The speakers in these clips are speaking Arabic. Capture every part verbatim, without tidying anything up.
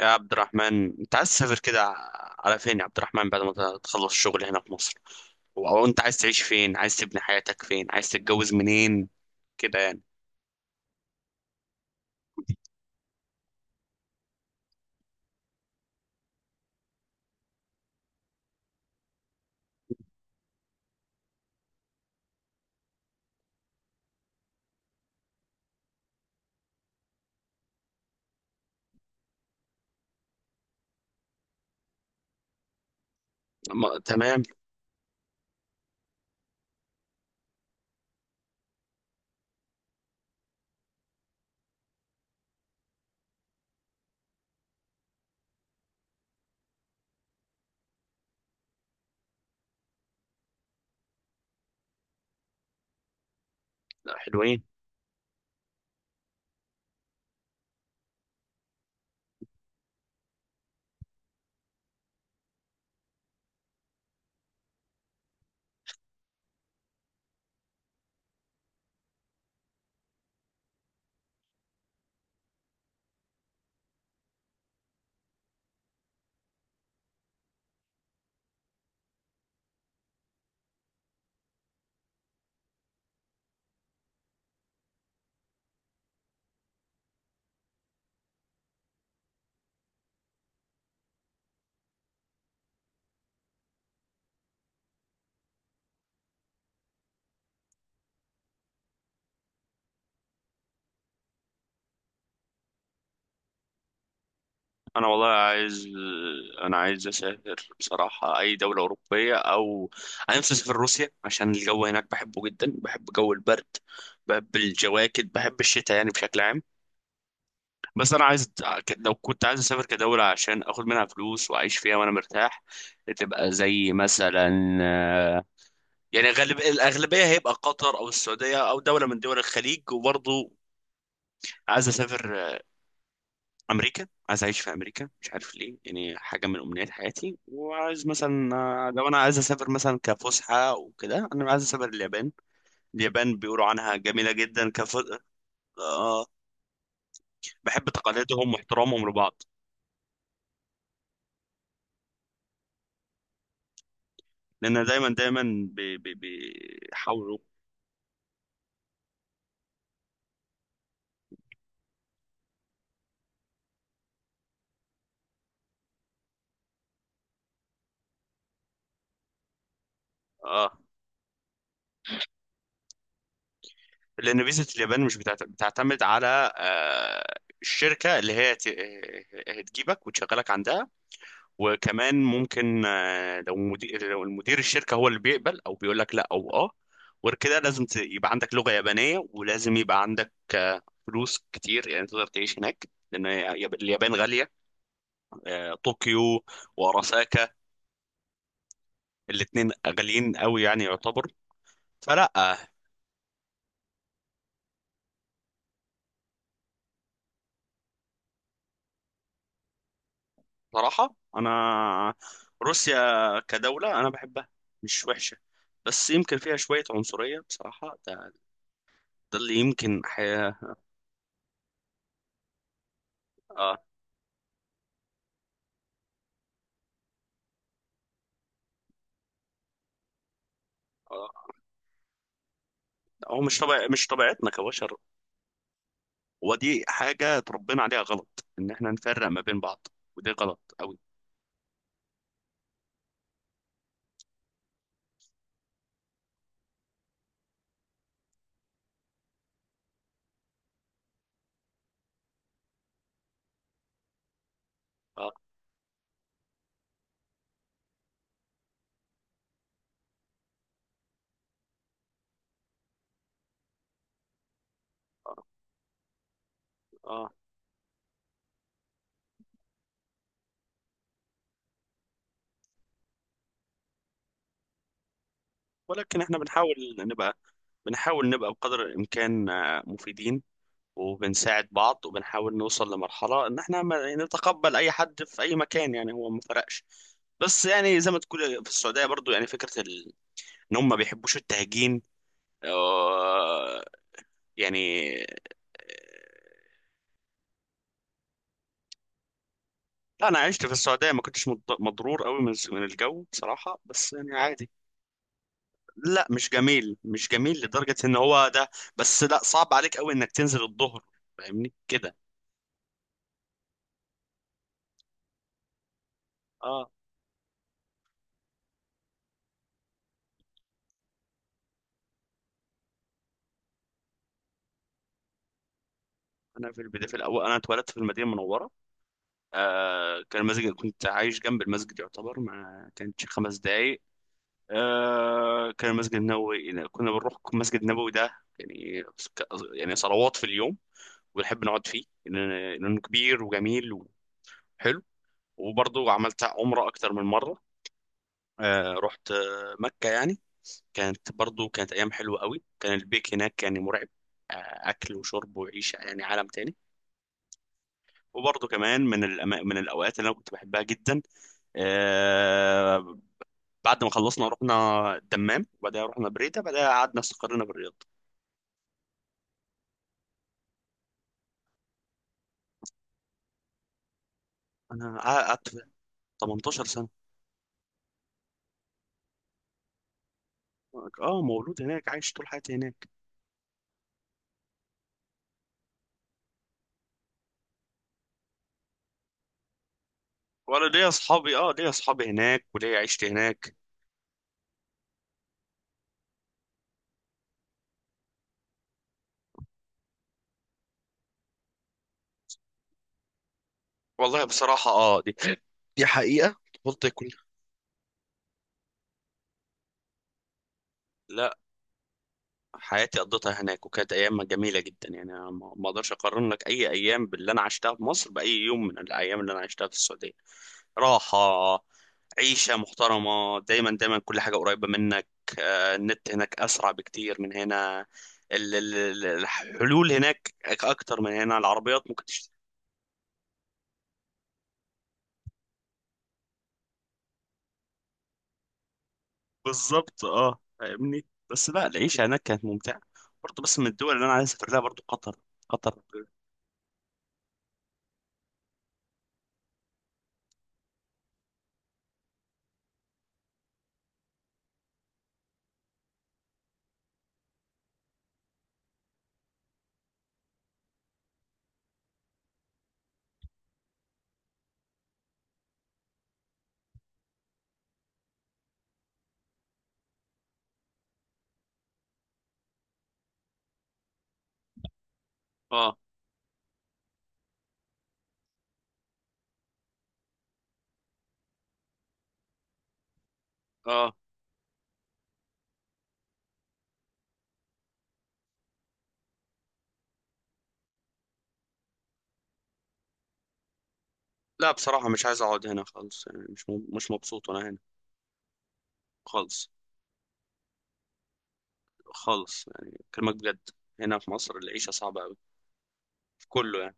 يا عبد الرحمن، انت عايز تسافر كده على فين يا عبد الرحمن، بعد ما تخلص الشغل هنا في مصر و- او انت عايز تعيش فين؟ عايز تبني حياتك فين؟ عايز تتجوز منين كده يعني؟ ما- تمام. حلوين. انا والله عايز انا عايز اسافر بصراحة اي دولة اوروبية، او انا نفسي اسافر روسيا عشان الجو هناك بحبه جدا، بحب جو البرد، بحب الجواكت، بحب الشتاء يعني بشكل عام. بس انا عايز، لو كنت عايز اسافر كدولة عشان اخد منها فلوس واعيش فيها وانا مرتاح، تبقى زي مثلا، آه، يعني غالب الاغلبية هيبقى قطر او السعودية او دولة من دول الخليج. وبرضه عايز اسافر آه، امريكا، عايز اعيش في امريكا، مش عارف ليه، يعني حاجة من امنيات حياتي. وعايز مثلا، آه، لو انا عايز اسافر مثلا كفسحة وكده، انا عايز اسافر اليابان. اليابان بيقولوا عنها جميلة جدا. كف آه، بحب تقاليدهم واحترامهم لبعض. لان دايما دايما بي- بي- بيحاولوا. اه لان فيزا اليابان مش بتعت- بتعتمد على آه الشركه اللي هي ت- هتجيبك وتشغلك عندها. وكمان ممكن، آه لو مدير لو المدير الشركه هو اللي بيقبل او بيقول لك لا. او اه غير كده لازم ت- يبقى عندك لغه يابانيه، ولازم يبقى عندك آه فلوس كتير يعني تقدر تعيش هناك، لان ياب- اليابان غاليه. آه طوكيو وراساكا، الاتنين غاليين قوي يعني، يعتبر. فلا آه، صراحة أنا روسيا كدولة أنا بحبها، مش وحشة، بس يمكن فيها شوية عنصرية بصراحة. ده, ده اللي يمكن حياة. آه آه هو مش طبيع مش طبيعتنا كبشر، ودي حاجة اتربينا عليها غلط، إن إحنا نفرق ما بين بعض، ودي غلط أوي. آه، آه، آه، ولكن إحنا بنحاول نبقى، بنحاول نبقى بقدر الإمكان آه، مفيدين، وبنساعد بعض، وبنحاول نوصل لمرحلة إن إحنا ما- يعني نتقبل أي حد في أي مكان، يعني هو ما فرقش. بس يعني زي ما تقول في السعودية برضو، يعني فكرة ال... إن هم ما بيحبوش التهجين، آه، يعني. لا، أنا عشت في السعودية ما كنتش مض- مضرور قوي من من الجو بصراحة، بس يعني عادي. لا، مش جميل، مش جميل لدرجة إن هو ده. بس لا، صعب عليك قوي إنك تنزل الظهر، فاهمني كده. اه. انا في البدايه، في الاول، انا اتولدت في المدينه المنوره. آه كان المسجد كنت عايش جنب المسجد يعتبر، ما كانتش خمس دقايق. آه كان المسجد النبوي كنا بنروح المسجد النبوي ده يعني، ك- يعني صلوات في اليوم، ونحب نقعد فيه لأن- لأنه كبير وجميل وحلو. وبرضه عملت عمرة أكتر من مرة. آه رحت آه، مكة يعني، كانت برضه، كانت أيام حلوة قوي. كان البيك هناك يعني مرعب. آه أكل وشرب وعيشة، يعني عالم تاني. وبرضه كمان من الأما- من الأوقات اللي أنا كنت بحبها جدا. آه، بعد ما خلصنا رحنا الدمام، وبعدها رحنا بريدة، بعدها قعدنا استقرينا بالرياض. انا قعدت تمنتاشر سنة. اه، مولود هناك، عايش طول حياتي هناك. وانا ليا اصحابي اه ليا اصحابي هناك، وليا عيشتي هناك. والله بصراحة، اه دي دي حقيقة طفولتي كلها. لا، حياتي قضيتها هناك وكانت ايام جميله جدا، يعني أنا ما ما اقدرش اقارن لك اي ايام باللي انا عشتها في مصر باي يوم من الايام اللي انا عشتها في السعوديه. راحه، عيشه محترمه، دايما دايما كل حاجه قريبه منك. آه، النت هناك اسرع بكتير من هنا. ال- ال- ال- الحلول هناك أك- اكتر من هنا، العربيات ممكن تشتري. بالظبط، اه، فاهمني. بس لا، العيشه هناك كانت ممتعه. برضه، بس من الدول اللي انا عايز اسافر لها برضه قطر، قطر. اه، اه، لا، بصراحة مش عايز أقعد هنا خالص، يعني مش م- مش مبسوط وأنا هنا خالص. خالص يعني، كلمة بجد، هنا في مصر العيشة صعبة أوي، في كله يعني.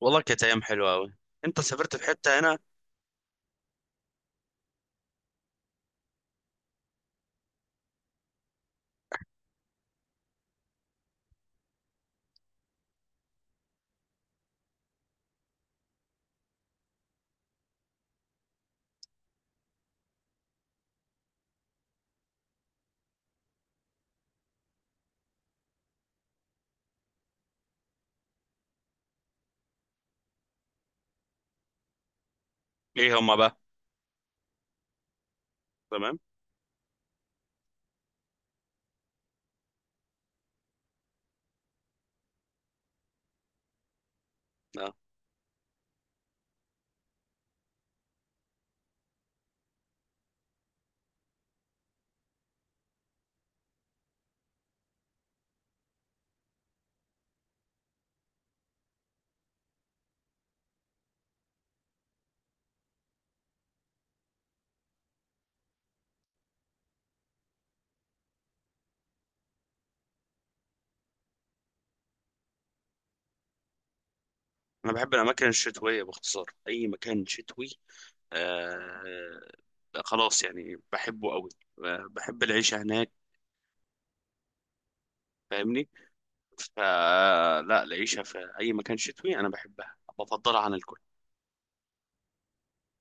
والله كانت أيام حلوة أوي. أنت سافرت في حتة هنا؟ إيه هما بقى؟ تمام. أه، أنا بحب الأماكن الشتوية، باختصار أي مكان شتوي. آه، خلاص يعني بحبه أوي. آه، بحب العيشة هناك، فاهمني. فلا، العيشة في أي مكان شتوي أنا بحبها، بفضلها عن الكل.